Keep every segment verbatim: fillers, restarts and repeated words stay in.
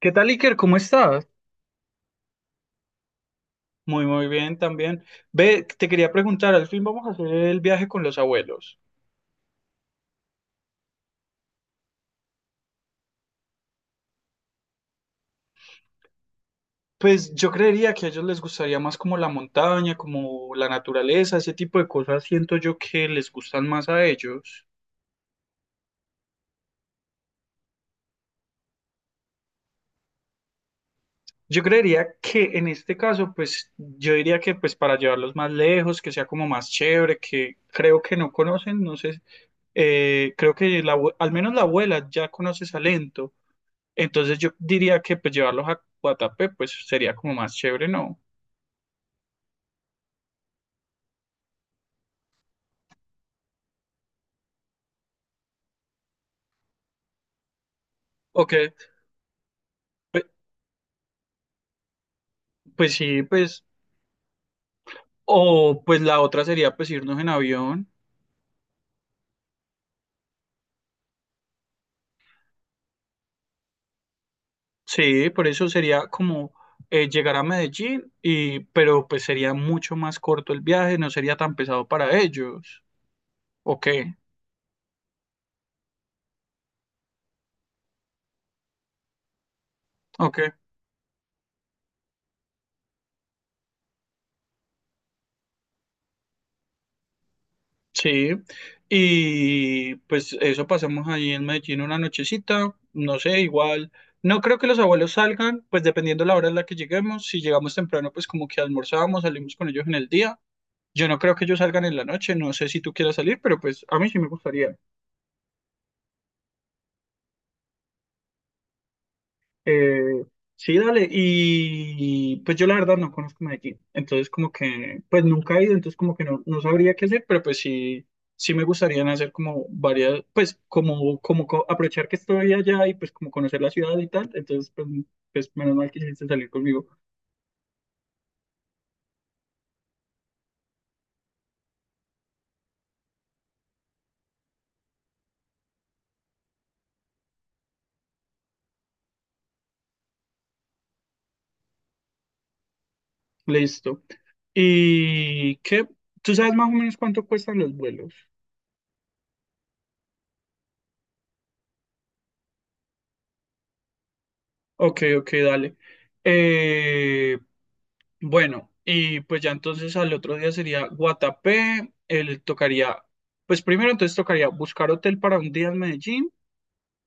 ¿Qué tal, Iker? ¿Cómo estás? Muy, muy bien también. Ve, te quería preguntar, al fin vamos a hacer el viaje con los abuelos. Pues yo creería que a ellos les gustaría más como la montaña, como la naturaleza, ese tipo de cosas siento yo que les gustan más a ellos. Yo creería que en este caso, pues yo diría que pues para llevarlos más lejos, que sea como más chévere, que creo que no conocen, no sé, eh, creo que la abue- al menos la abuela ya conoce Salento. Entonces yo diría que pues llevarlos a Guatapé pues sería como más chévere, ¿no? O que, pe- pues sí, pues, o pues la otra sería pues irnos en avión. Sí, por eso sería como eh, llegar a Medellín y, pero pues sería mucho más corto el viaje, no sería tan pesado para ellos. ¿O qué? ¿O qué? Sí, y pues eso pasamos ahí en Medellín una nochecita, no sé, igual. No creo que los abuelos salgan, pues dependiendo la hora en la que lleguemos. Si llegamos temprano, pues como que almorzábamos, salimos con ellos en el día. Yo no creo que ellos salgan en la noche, no sé si tú quieras salir, pero pues a mí sí me gustaría. Eh, sí, dale. Y pues yo la verdad no conozco Medellín. Entonces como que, pues nunca he ido, entonces como que no, no sabría qué hacer, pero pues sí, sí me gustaría hacer como varias, pues como, como co- aprovechar que estoy allá y pues como conocer la ciudad y tal. Entonces pues, pues menos mal que quisiste salir conmigo. Listo. ¿Y qué? ¿Tú sabes más o menos cuánto cuestan los vuelos? Ok, ok, dale. Eh, Bueno, y pues ya entonces al otro día sería Guatapé, él tocaría, pues primero entonces tocaría buscar hotel para un día en Medellín,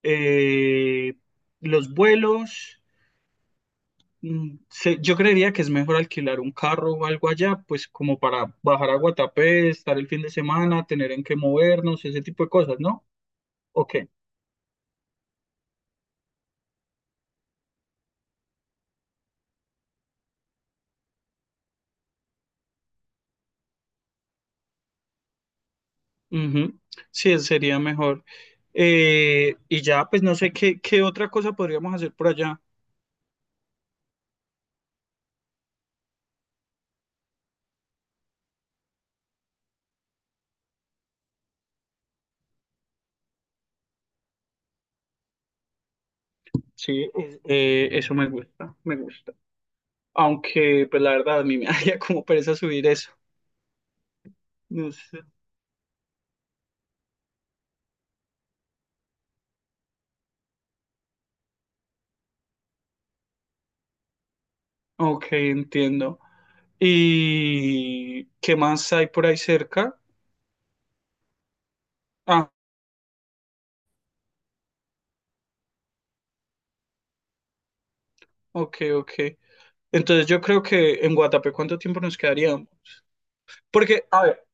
eh, los vuelos, mm, se- yo creería que es mejor alquilar un carro o algo allá, pues como para bajar a Guatapé, estar el fin de semana, tener en qué movernos, ese tipo de cosas, ¿no? Ok. Ujú. Sí, sería mejor. Eh, y ya, pues no sé qué, qué otra cosa podríamos hacer por allá. Sí, es- eh, eso me gusta, me gusta. Aunque, pues la verdad, a mí me haría como pereza subir eso. No sé. Ok, entiendo. ¿Y qué más hay por ahí cerca? Ah, ok, ok. Entonces yo creo que en Guatapé, ¿cuánto tiempo nos quedaríamos? Porque, a ver,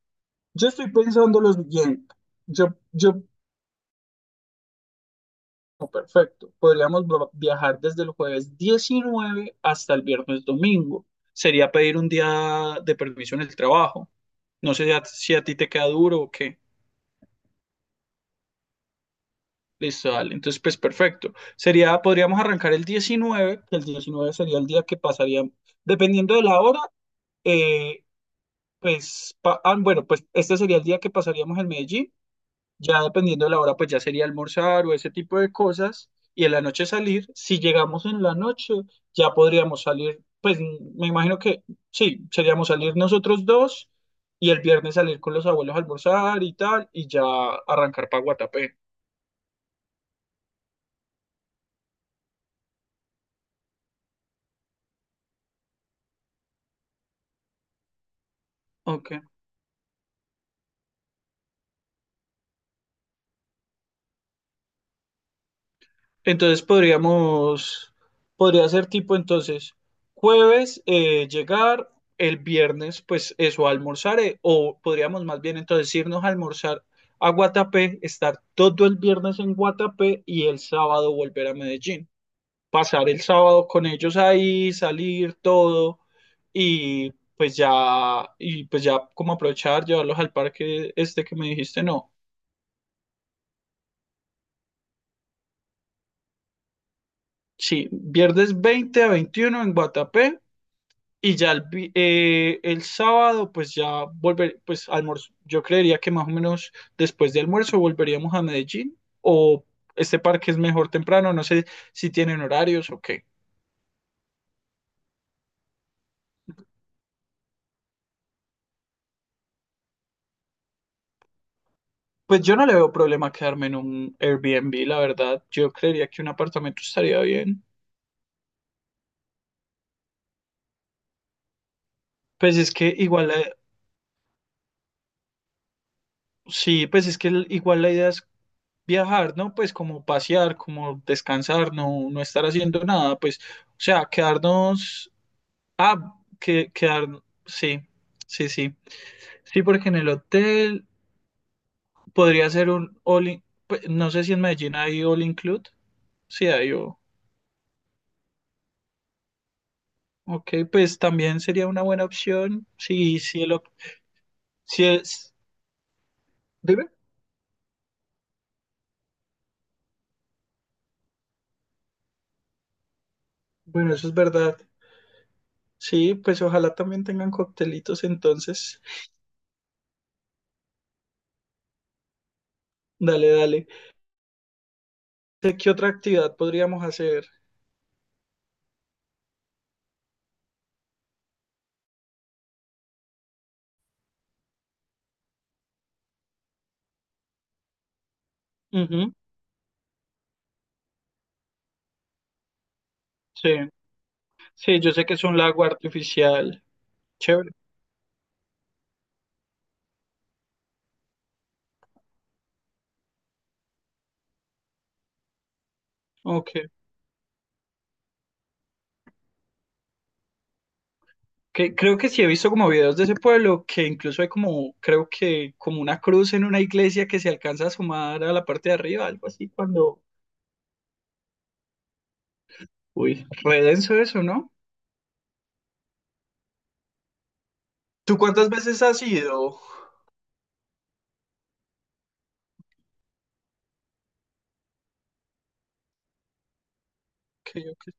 yo estoy pensando lo siguiente. Yo, yo, oh, perfecto. Podríamos bro- viajar desde el jueves diecinueve hasta el viernes domingo. Sería pedir un día de permiso en el trabajo. No sé si a si a ti te queda duro o qué. Listo, dale. Entonces, pues perfecto. Sería, podríamos arrancar el diecinueve que el diecinueve sería el día que pasaríamos, dependiendo de la hora, eh, pues, pa- ah, bueno, pues este sería el día que pasaríamos en Medellín. Ya dependiendo de la hora, pues ya sería almorzar o ese tipo de cosas. Y en la noche salir. Si llegamos en la noche, ya podríamos salir, pues me imagino que sí, seríamos salir nosotros dos y el viernes salir con los abuelos a almorzar y tal, y ya arrancar para Guatapé. Ok. Entonces podríamos, podría ser tipo entonces jueves eh, llegar, el viernes pues eso almorzaré, o podríamos más bien entonces irnos a almorzar a Guatapé, estar todo el viernes en Guatapé y el sábado volver a Medellín. Pasar el sábado con ellos ahí, salir todo y pues ya, y pues ya como aprovechar, llevarlos al parque este que me dijiste, no. Sí, viernes veinte a veintiuno en Guatapé. Y ya el, vi- eh, el sábado, pues ya volver, pues almuerzo. Yo creería que más o menos después de almuerzo volveríamos a Medellín o este parque es mejor temprano, no sé si tienen horarios o qué. Pues yo no le veo problema quedarme en un Airbnb, la verdad. Yo creería que un apartamento estaría bien. Pues es que igual, la- Sí, pues es que el- igual la idea es viajar, ¿no? Pues como pasear, como descansar, no, no estar haciendo nada, pues, o sea, quedarnos. Ah, que, quedar, sí, sí, sí. Sí, porque en el hotel podría ser un all in- pues, no sé si en Medellín hay all include. Sí, hay o- ok, pues también sería una buena opción. Sí, sí, el, op- sí es. Dime. Bueno, eso es verdad. Sí, pues ojalá también tengan coctelitos entonces. Dale, dale. ¿Qué qué otra actividad podríamos hacer? Ujú. Sí, sí, yo sé que es un lago artificial. Chévere. Ok. Que, creo que sí he visto como videos de ese pueblo que incluso hay como, creo que como una cruz en una iglesia que se alcanza a sumar a la parte de arriba, algo así, cuando... Uy, re denso eso, ¿no? ¿Tú cuántas veces has ido? Ok, ok.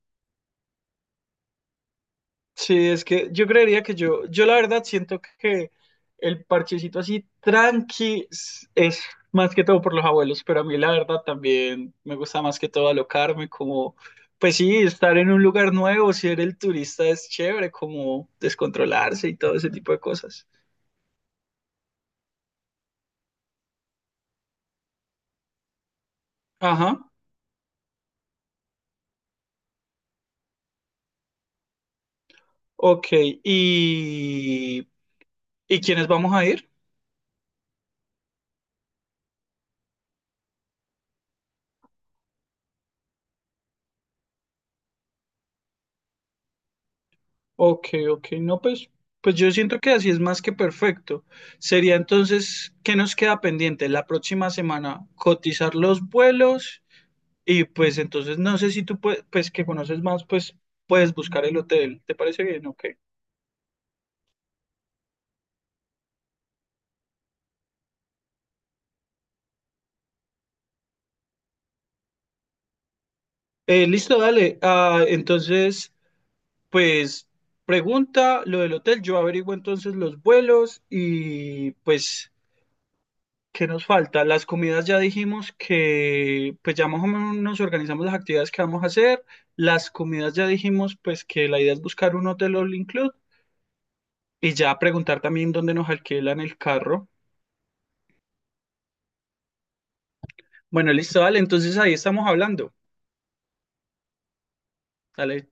Sí, es que yo creería que yo, yo la verdad siento que el parchecito así tranqui s- es más que todo por los abuelos, pero a mí la verdad también me gusta más que todo alocarme, como, pues sí, estar en un lugar nuevo, ser el turista es chévere, como descontrolarse y todo ese tipo de cosas. Ajá, ok. ¿Y, ¿y quiénes vamos a ir? Ok, ok, no, pues, pues yo siento que así es más que perfecto. Sería entonces, ¿qué nos queda pendiente? La próxima semana cotizar los vuelos y pues entonces no sé si tú pue- pues que conoces más, pues puedes buscar el hotel. ¿Te parece bien? Ok. Eh, listo, dale. Ah, entonces, pues pregunta lo del hotel. Yo averiguo entonces los vuelos y pues ¿qué nos falta? Las comidas ya dijimos que, pues ya más o menos nos organizamos las actividades que vamos a hacer. Las comidas ya dijimos, pues que la idea es buscar un hotel all include y ya preguntar también dónde nos alquilan el carro. Bueno, listo, dale, entonces ahí estamos hablando. Dale.